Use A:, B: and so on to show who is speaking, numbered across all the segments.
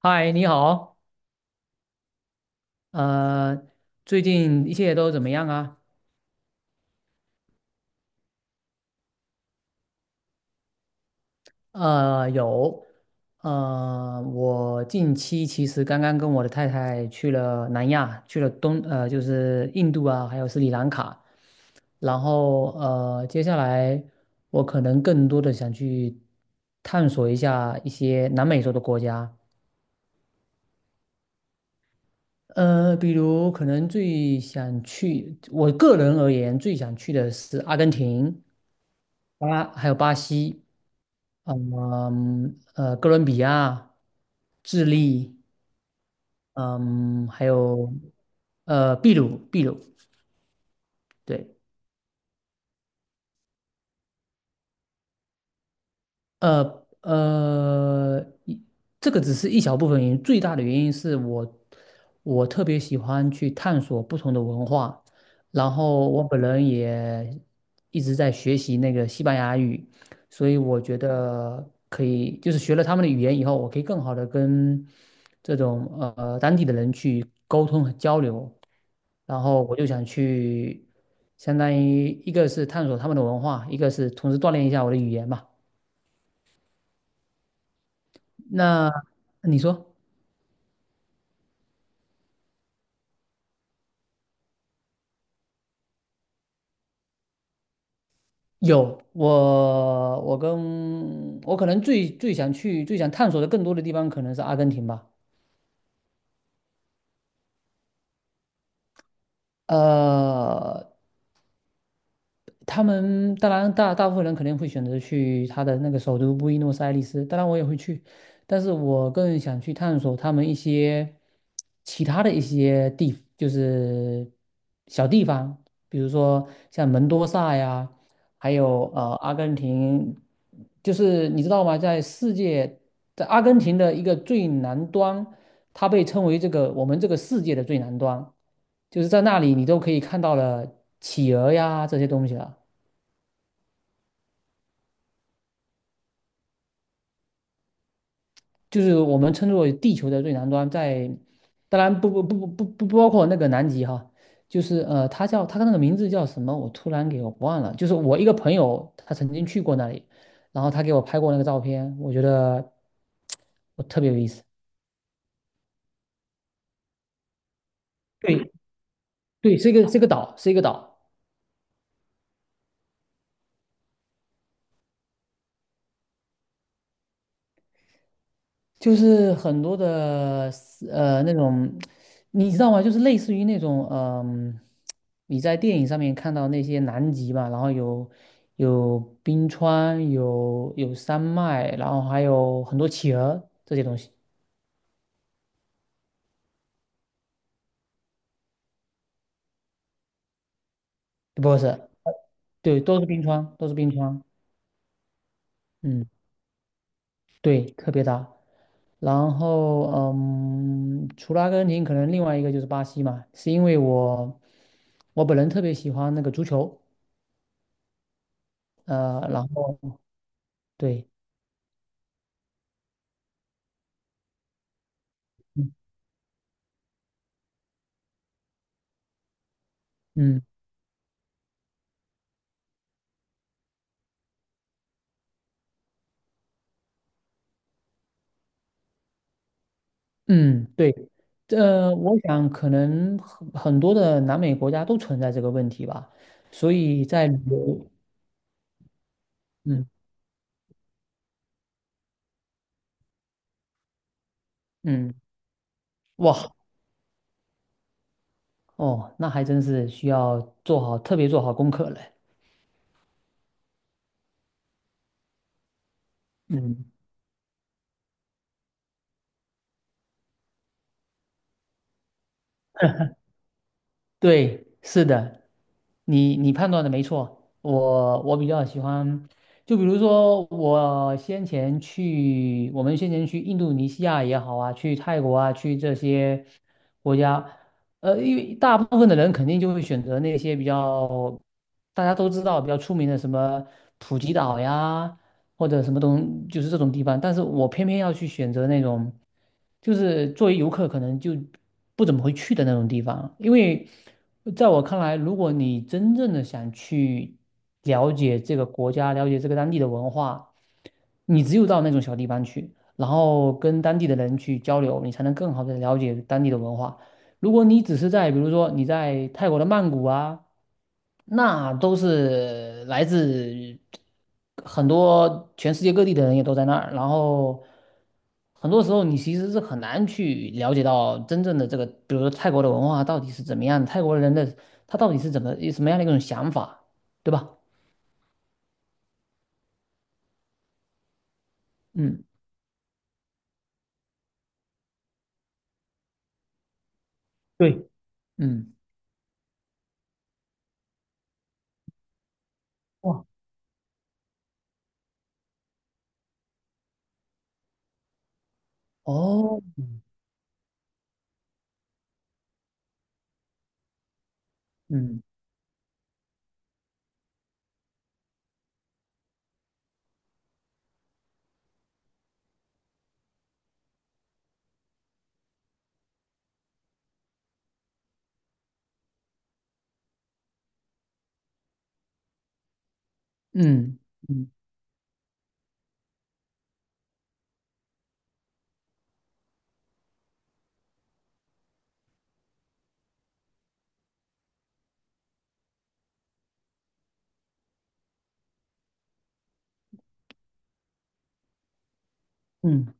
A: 嗨，你好，呃，最近一切都怎么样啊？有，我近期其实刚刚跟我的太太去了南亚，去了东，呃，就是印度啊，还有斯里兰卡，然后接下来我可能更多的想去探索一下一些南美洲的国家，比如可能最想去，我个人而言最想去的是阿根廷、还有巴西。哥伦比亚、智利，嗯，还有秘鲁，秘鲁，对，呃呃，一这个只是一小部分原因，最大的原因是我特别喜欢去探索不同的文化，然后我本人也一直在学习那个西班牙语，所以我觉得可以，就是学了他们的语言以后，我可以更好的跟这种当地的人去沟通和交流，然后我就想去，相当于一个是探索他们的文化，一个是同时锻炼一下我的语言吧。那你说有，我可能最最想去、最想探索的更多的地方，可能是阿根廷吧。呃，他们当然大部分人肯定会选择去他的那个首都布宜诺斯艾利斯，当然我也会去，但是我更想去探索他们一些其他的一些就是小地方，比如说像门多萨呀，还有阿根廷，就是你知道吗？在世界，在阿根廷的一个最南端，它被称为这个我们这个世界的最南端，就是在那里你都可以看到了企鹅呀这些东西了。就是我们称作地球的最南端在，当然不包括那个南极哈，就是它叫那个名字叫什么？我突然给我忘了。就是我一个朋友，他曾经去过那里，然后他给我拍过那个照片，我觉得我特别有意思。对对，是一个岛，是一个岛。就是很多的那种，你知道吗？就是类似于那种你在电影上面看到那些南极嘛，然后有冰川，有山脉，然后还有很多企鹅这些东西，不是，对，都是冰川，都是冰川，嗯，对，特别大。然后除了阿根廷，可能另外一个就是巴西嘛，是因为我本人特别喜欢那个足球，然后对。嗯嗯，对，我想可能很多的南美国家都存在这个问题吧，所以在旅游，嗯嗯，哇，哦，那还真是需要做好特别做好功课了，嗯 对，是的，你判断的没错。我比较喜欢，就比如说我们先前去印度尼西亚也好啊，去泰国啊，去这些国家，因为大部分的人肯定就会选择那些比较大家都知道比较出名的什么普吉岛呀，或者什么就是这种地方，但是我偏偏要去选择那种，就是作为游客可能就不怎么会去的那种地方，因为在我看来，如果你真正的想去了解这个国家，了解这个当地的文化，你只有到那种小地方去，然后跟当地的人去交流，你才能更好的了解当地的文化。如果你只是在，比如说你在泰国的曼谷啊。那都是来自很多全世界各地的人也都在那儿，然后很多时候你其实是很难去了解到真正的这个，比如说泰国的文化到底是怎么样的，泰国人的他到底是怎么什么样的一种想法，对吧？嗯对，嗯，哇，哦，嗯嗯嗯嗯。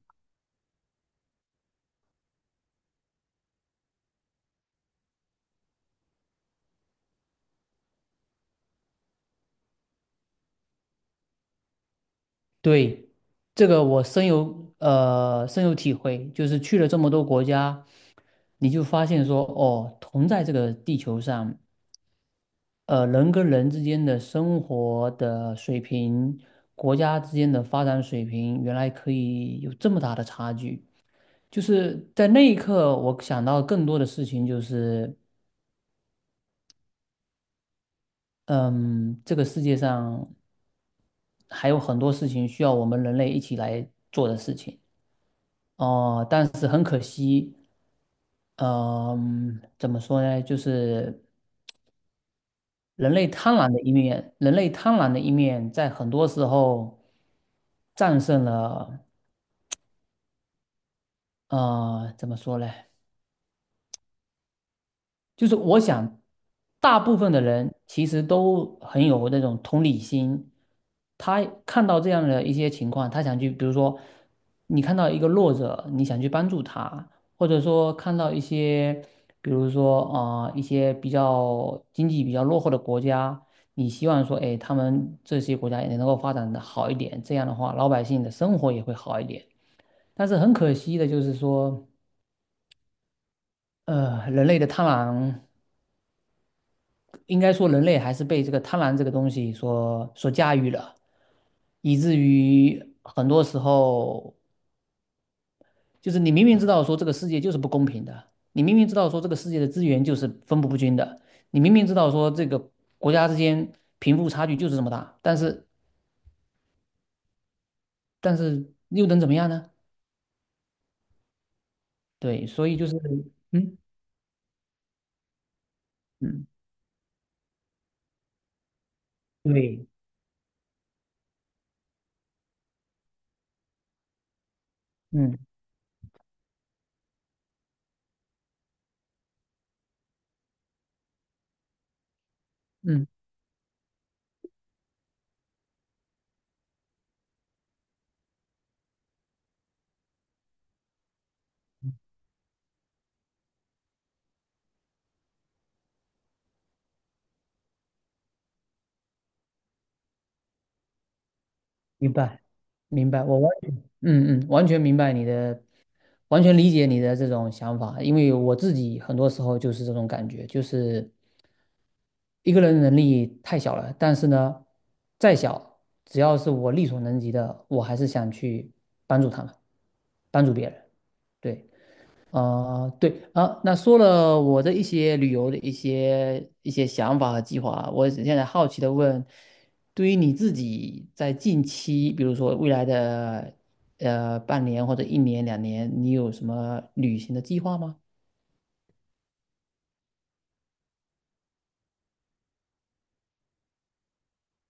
A: 对，这个我深有体会，就是去了这么多国家，你就发现说，哦，同在这个地球上，人跟人之间的生活的水平，国家之间的发展水平，原来可以有这么大的差距。就是在那一刻，我想到更多的事情就是，嗯，这个世界上还有很多事情需要我们人类一起来做的事情。哦，但是很可惜。嗯，怎么说呢？就是人类贪婪的一面，人类贪婪的一面在很多时候战胜了，怎么说呢？就是我想，大部分的人其实都很有那种同理心，他看到这样的一些情况，他想去，比如说，你看到一个弱者，你想去帮助他，或者说看到一些，比如说啊、一些比较经济比较落后的国家，你希望说，哎，他们这些国家也能够发展的好一点，这样的话，老百姓的生活也会好一点。但是很可惜的就是说，人类的贪婪。应该说人类还是被这个贪婪这个东西所驾驭了，以至于很多时候就是你明明知道说这个世界就是不公平的，你明明知道说这个世界的资源就是分布不均的，你明明知道说这个国家之间贫富差距就是这么大，但是又能怎么样呢？对，所以就是嗯嗯对嗯嗯。明白，明白，我完全，嗯嗯，完全明白你的，完全理解你的这种想法，因为我自己很多时候就是这种感觉，就是一个人能力太小了，但是呢，再小，只要是我力所能及的，我还是想去帮助他们，帮助别人，对。啊，对啊，那说了我的一些旅游的一些想法和计划，我现在好奇的问，对于你自己在近期，比如说未来的半年或者一年两年，你有什么旅行的计划吗？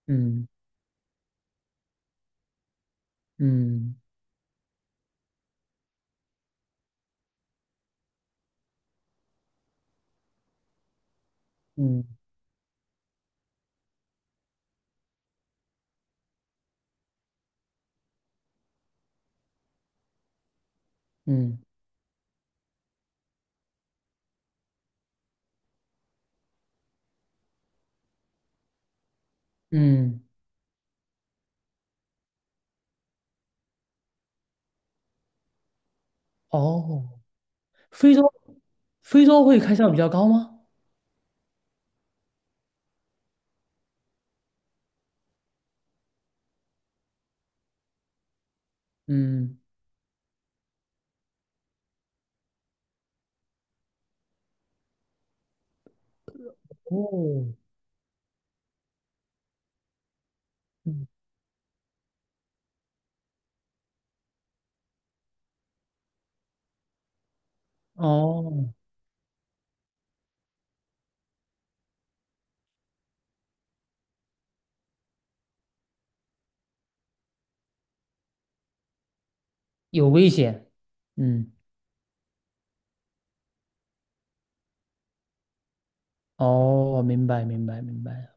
A: 嗯嗯嗯嗯嗯哦，非洲，非洲会开销比较高吗？嗯哦，嗯哦，有危险。嗯哦，明白，明白，明白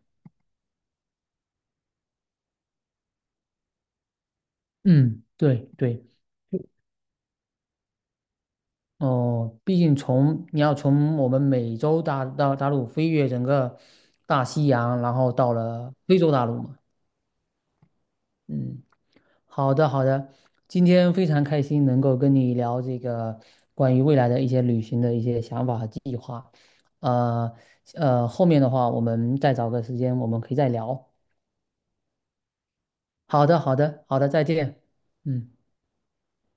A: 嗯，对对，哦，毕竟从你要从我们美洲大陆飞越整个大西洋，然后到了非洲大陆嘛。嗯，好的，好的。今天非常开心能够跟你聊这个关于未来的一些旅行的一些想法和计划呃后面的话我们再找个时间我们可以再聊。好的，好的，好的，再见。嗯。